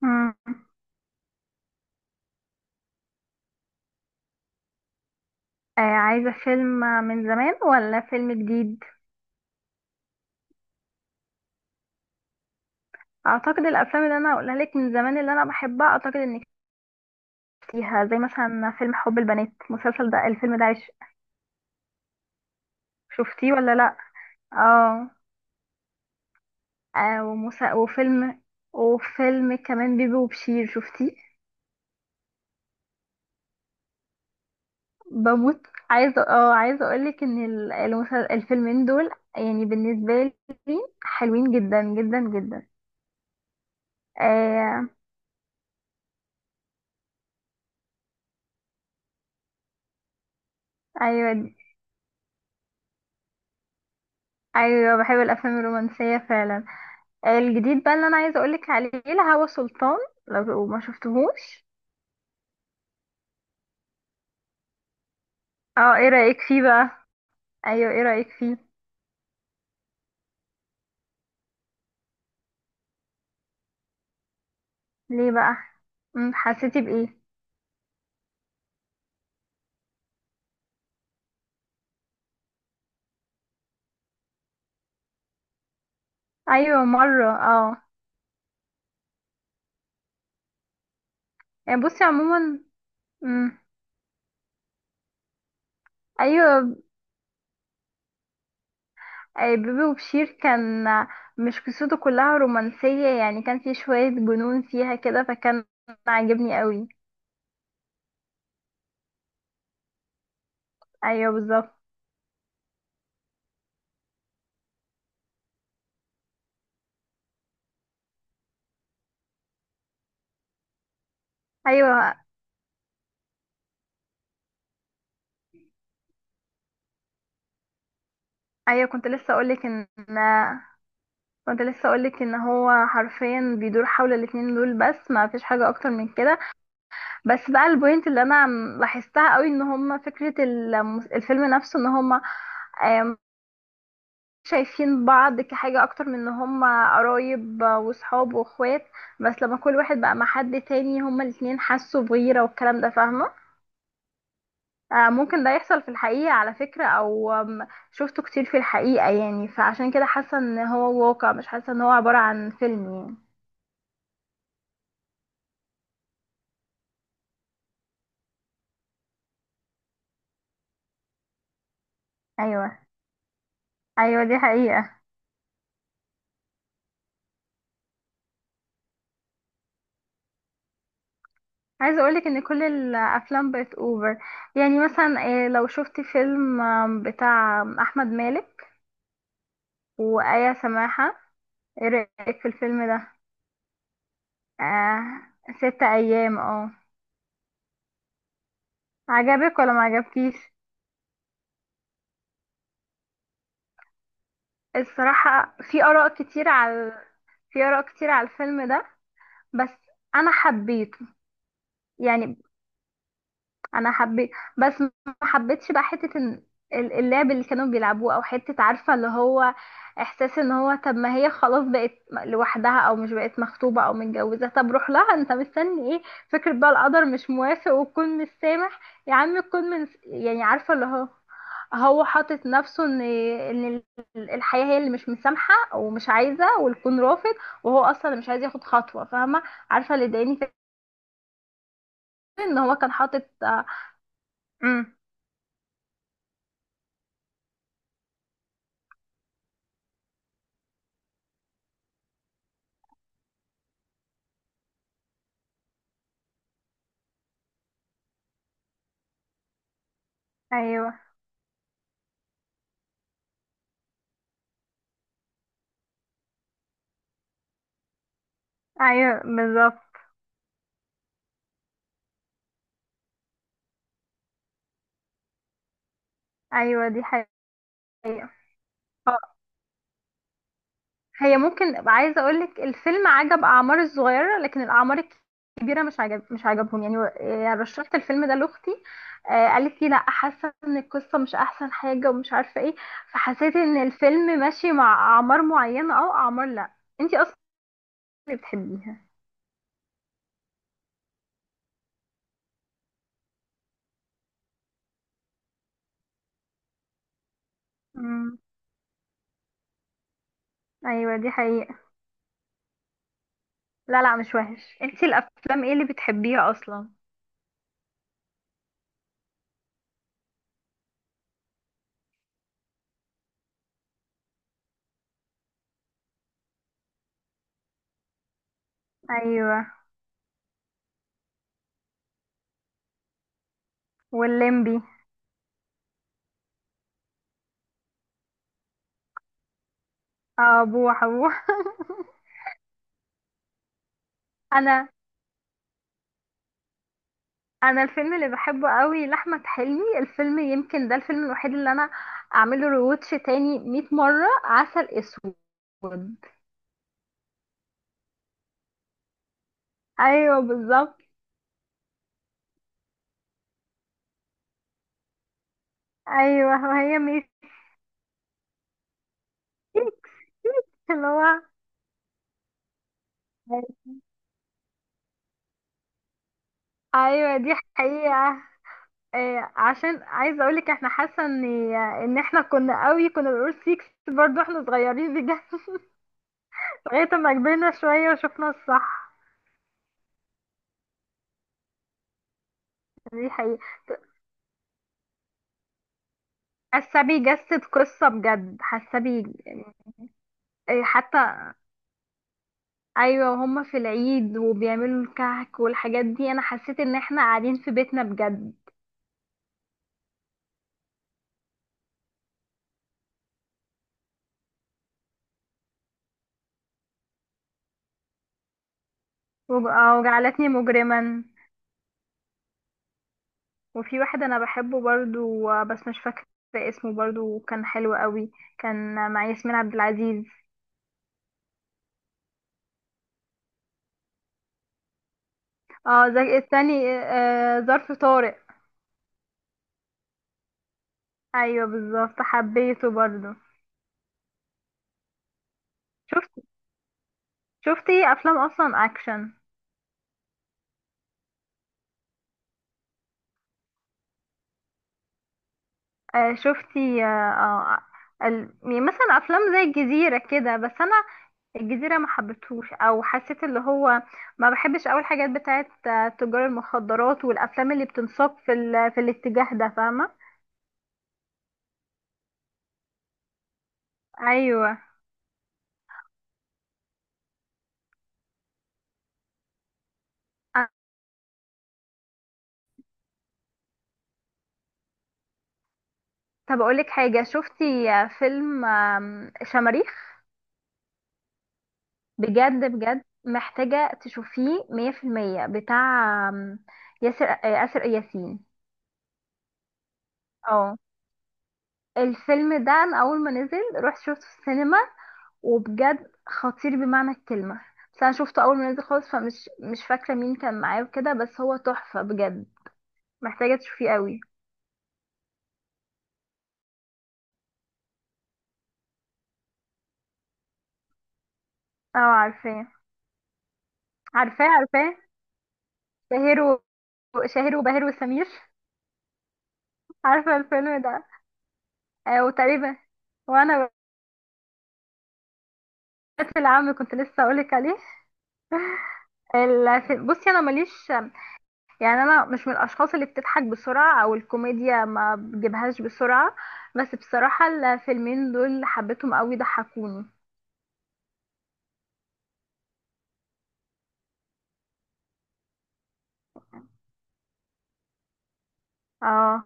مم. آه، عايزة فيلم من زمان ولا فيلم جديد؟ اعتقد الافلام اللي انا هقولها لك من زمان اللي انا بحبها اعتقد انك شفتيها، زي مثلا فيلم حب البنات. المسلسل ده الفيلم ده شفتيه ولا لا؟ اه. وفيلم، وفيلم كمان بيبي وبشير، شفتيه؟ بموت. عايزة اه، عايزة اقولك ان الفيلمين دول يعني بالنسبة لي حلوين جدا جدا جدا. آه... ايوه. ايوه بحب الافلام الرومانسية فعلا. الجديد بقى اللي انا عايزه اقولك عليه الهوى سلطان، لو ما شفتهوش. اه، ايه رايك فيه بقى؟ ايوه ايه رايك فيه؟ ليه بقى؟ حسيتي بايه؟ ايوه مره اه. يعني بصي عموما. مم. ايوه بيبي وبشير كان مش قصته كلها رومانسيه، يعني كان في شويه جنون فيها كده فكان عاجبني قوي. ايوه بالظبط. ايوه. ايوه كنت لسه اقولك ان كنت لسه اقولك ان هو حرفيا بيدور حول الاتنين دول بس ما فيش حاجه اكتر من كده. بس بقى البوينت اللي انا لاحظتها قوي ان هما فكره الفيلم نفسه ان هما آم، شايفين بعض كحاجه اكتر من ان هما قرايب وصحاب واخوات. بس لما كل واحد بقى مع حد تاني هما الاتنين حسوا بغيره والكلام ده، فاهمه؟ آه، ممكن ده يحصل في الحقيقه على فكره، او شفته كتير في الحقيقه يعني، فعشان كده حاسه ان هو واقع، مش حاسه ان هو عباره عن فيلم يعني. ايوه. ايوه دي حقيقة. عايزة اقولك ان كل الافلام بقت اوفر. يعني مثلا لو شفت فيلم بتاع احمد مالك وآية سماحة، ايه رأيك في الفيلم ده؟ آه. ست ايام اه. عجبك ولا ما عجبكيش؟ الصراحة في اراء كتير على، في اراء كتير على الفيلم ده، بس انا حبيته. يعني انا حبيت، بس ما حبيتش بقى حته إن اللعب اللي كانوا بيلعبوه، او حته عارفه اللي هو احساس ان هو طب ما هي خلاص بقت لوحدها، او مش بقت مخطوبه او متجوزه، طب روح لها، انت مستني ايه؟ فكره بقى القدر مش موافق، وتكون مش سامح، يا عم تكون من يعني عارفه اللي هو هو حاطط نفسه ان ان الحياه هي اللي مش مسامحه ومش عايزه والكون رافض، وهو اصلا مش عايز ياخد خطوه، فاهمه؟ عارفه اللي ضايقني فيه، ان هو كان حاطط آه، امم. ايوه. ايوه بالظبط. ايوه دي حقيقة. اه. هي ممكن، عايزة اقولك الفيلم عجب اعمار الصغيرة، لكن الاعمار الكبيرة مش عجب، مش عجبهم يعني آه، يعني رشحت الفيلم ده لاختي، آه، قالت لي لا حاسة ان القصة مش احسن حاجة ومش عارفة ايه، فحسيت ان الفيلم ماشي مع اعمار معينة، او اعمار لا انتي اصلا اللي بتحبيها. امم. ايوه دي حقيقة. لا لا مش وحش. انتي الافلام ايه اللي بتحبيها اصلا؟ ايوه واللمبي. اه بوح بوح. انا، انا الفيلم اللي بحبه قوي لاحمد حلمي، الفيلم يمكن ده الفيلم الوحيد اللي انا اعمله ريواتش تاني 100 مره، عسل اسود. ايوه بالظبط. ايوه وهي ميسي. اللي هو، ايوه دي حقيقه. إيه عشان عايزه اقولك احنا حاسه ان ان احنا كنا قوي كنا بنقول سيكس برضو احنا صغيرين بجد. لغايه ما كبرنا شويه وشفنا الصح. دي حقيقه. حاسه بيجسد قصه بجد، حاسه بي إيه حتى. ايوه وهم في العيد وبيعملوا الكعك والحاجات دي انا حسيت ان احنا قاعدين في بيتنا بجد. آه، وجعلتني مجرما. وفي واحد انا بحبه برضو آه، بس مش فاكره اسمه، برضو كان حلو قوي، كان مع ياسمين عبد العزيز. اه زي التاني. آه، ظرف طارق. ايوه بالظبط، حبيته برضو. شفت، شفتي افلام اصلا اكشن؟ آه، شفتي آه، آه، يعني مثلا افلام زي الجزيره كده، بس انا الجزيرة ما حبيتهوش، او حسيت اللي هو ما بحبش اول حاجات بتاعت آه، تجار المخدرات والافلام اللي بتنساق في في الاتجاه ده، فاهمة؟ ايوه آه، طب اقولك حاجة، شفتي آه، فيلم آم، شماريخ؟ بجد بجد محتاجة تشوفيه 100%، بتاع آم، ياسر آه، آسر ياسين. اه الفيلم ده انا اول ما نزل رحت شفته في السينما، وبجد خطير بمعنى الكلمة. بس انا شفته اول ما نزل خالص فمش، مش فاكرة مين كان معاه وكده، بس هو تحفة بجد، محتاجة تشوفيه قوي. اه عارفاه، عارفاه، عارفاه. شهير و... شهير وبهير وسمير. عارفة الفيلم ده؟ آه وتقريبا، وانا بنات العم كنت لسه اقولك عليه. بصي انا ماليش، يعني انا مش من الاشخاص اللي بتضحك بسرعه، او الكوميديا ما بجيبهاش بسرعه، بس بصراحه الفيلمين دول حبيتهم قوي، ضحكوني. اه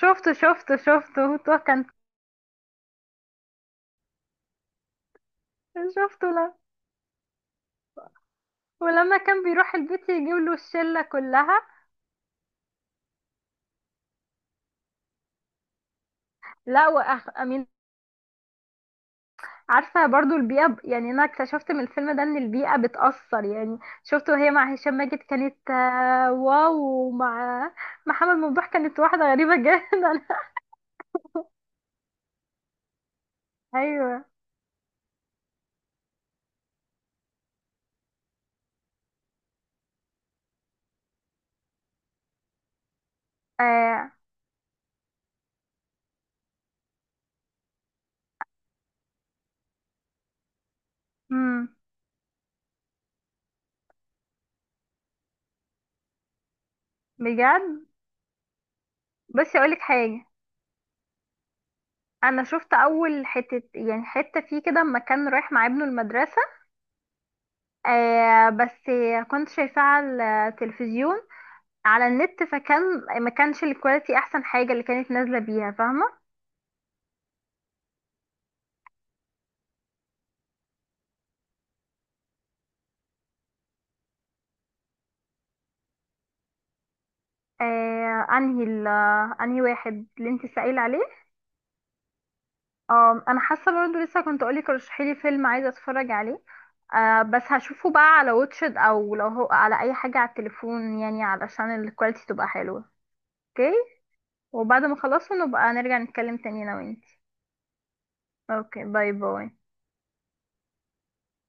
شفته شفته شفته. هو كان، شفته لا. ولما كان بيروح البيت يجيب له الشلة كلها. لا، وأخ أمين. عارفة برضو البيئة ب- يعني أنا اكتشفت من الفيلم ده إن البيئة بتأثر يعني. شفته وهي مع هشام ماجد كانت آه، واو. ومع محمد ممدوح كانت واحدة غريبة جدا. أيوه. آه. مم. بجد. بس أقولك حاجة، أنا شفت أول حتة، يعني حتة فيه كده لما كان رايح مع ابنه المدرسة، آه بس كنت شايفاه على التلفزيون، على النت، فكان ما كانش الكواليتي احسن حاجة اللي كانت نازلة بيها، فاهمة؟ آه انهي واحد اللي انت سائل عليه؟ آه انا حاسة برضو لسه كنت اقولك رشحي لي فيلم عايزة اتفرج عليه، آه بس هشوفه بقى على واتشد، او لو هو على اي حاجة على التليفون، يعني علشان الكواليتي تبقى حلوة. اوكي. وبعد ما اخلصه نبقى نرجع نتكلم تاني انا وانتي. اوكي باي باي.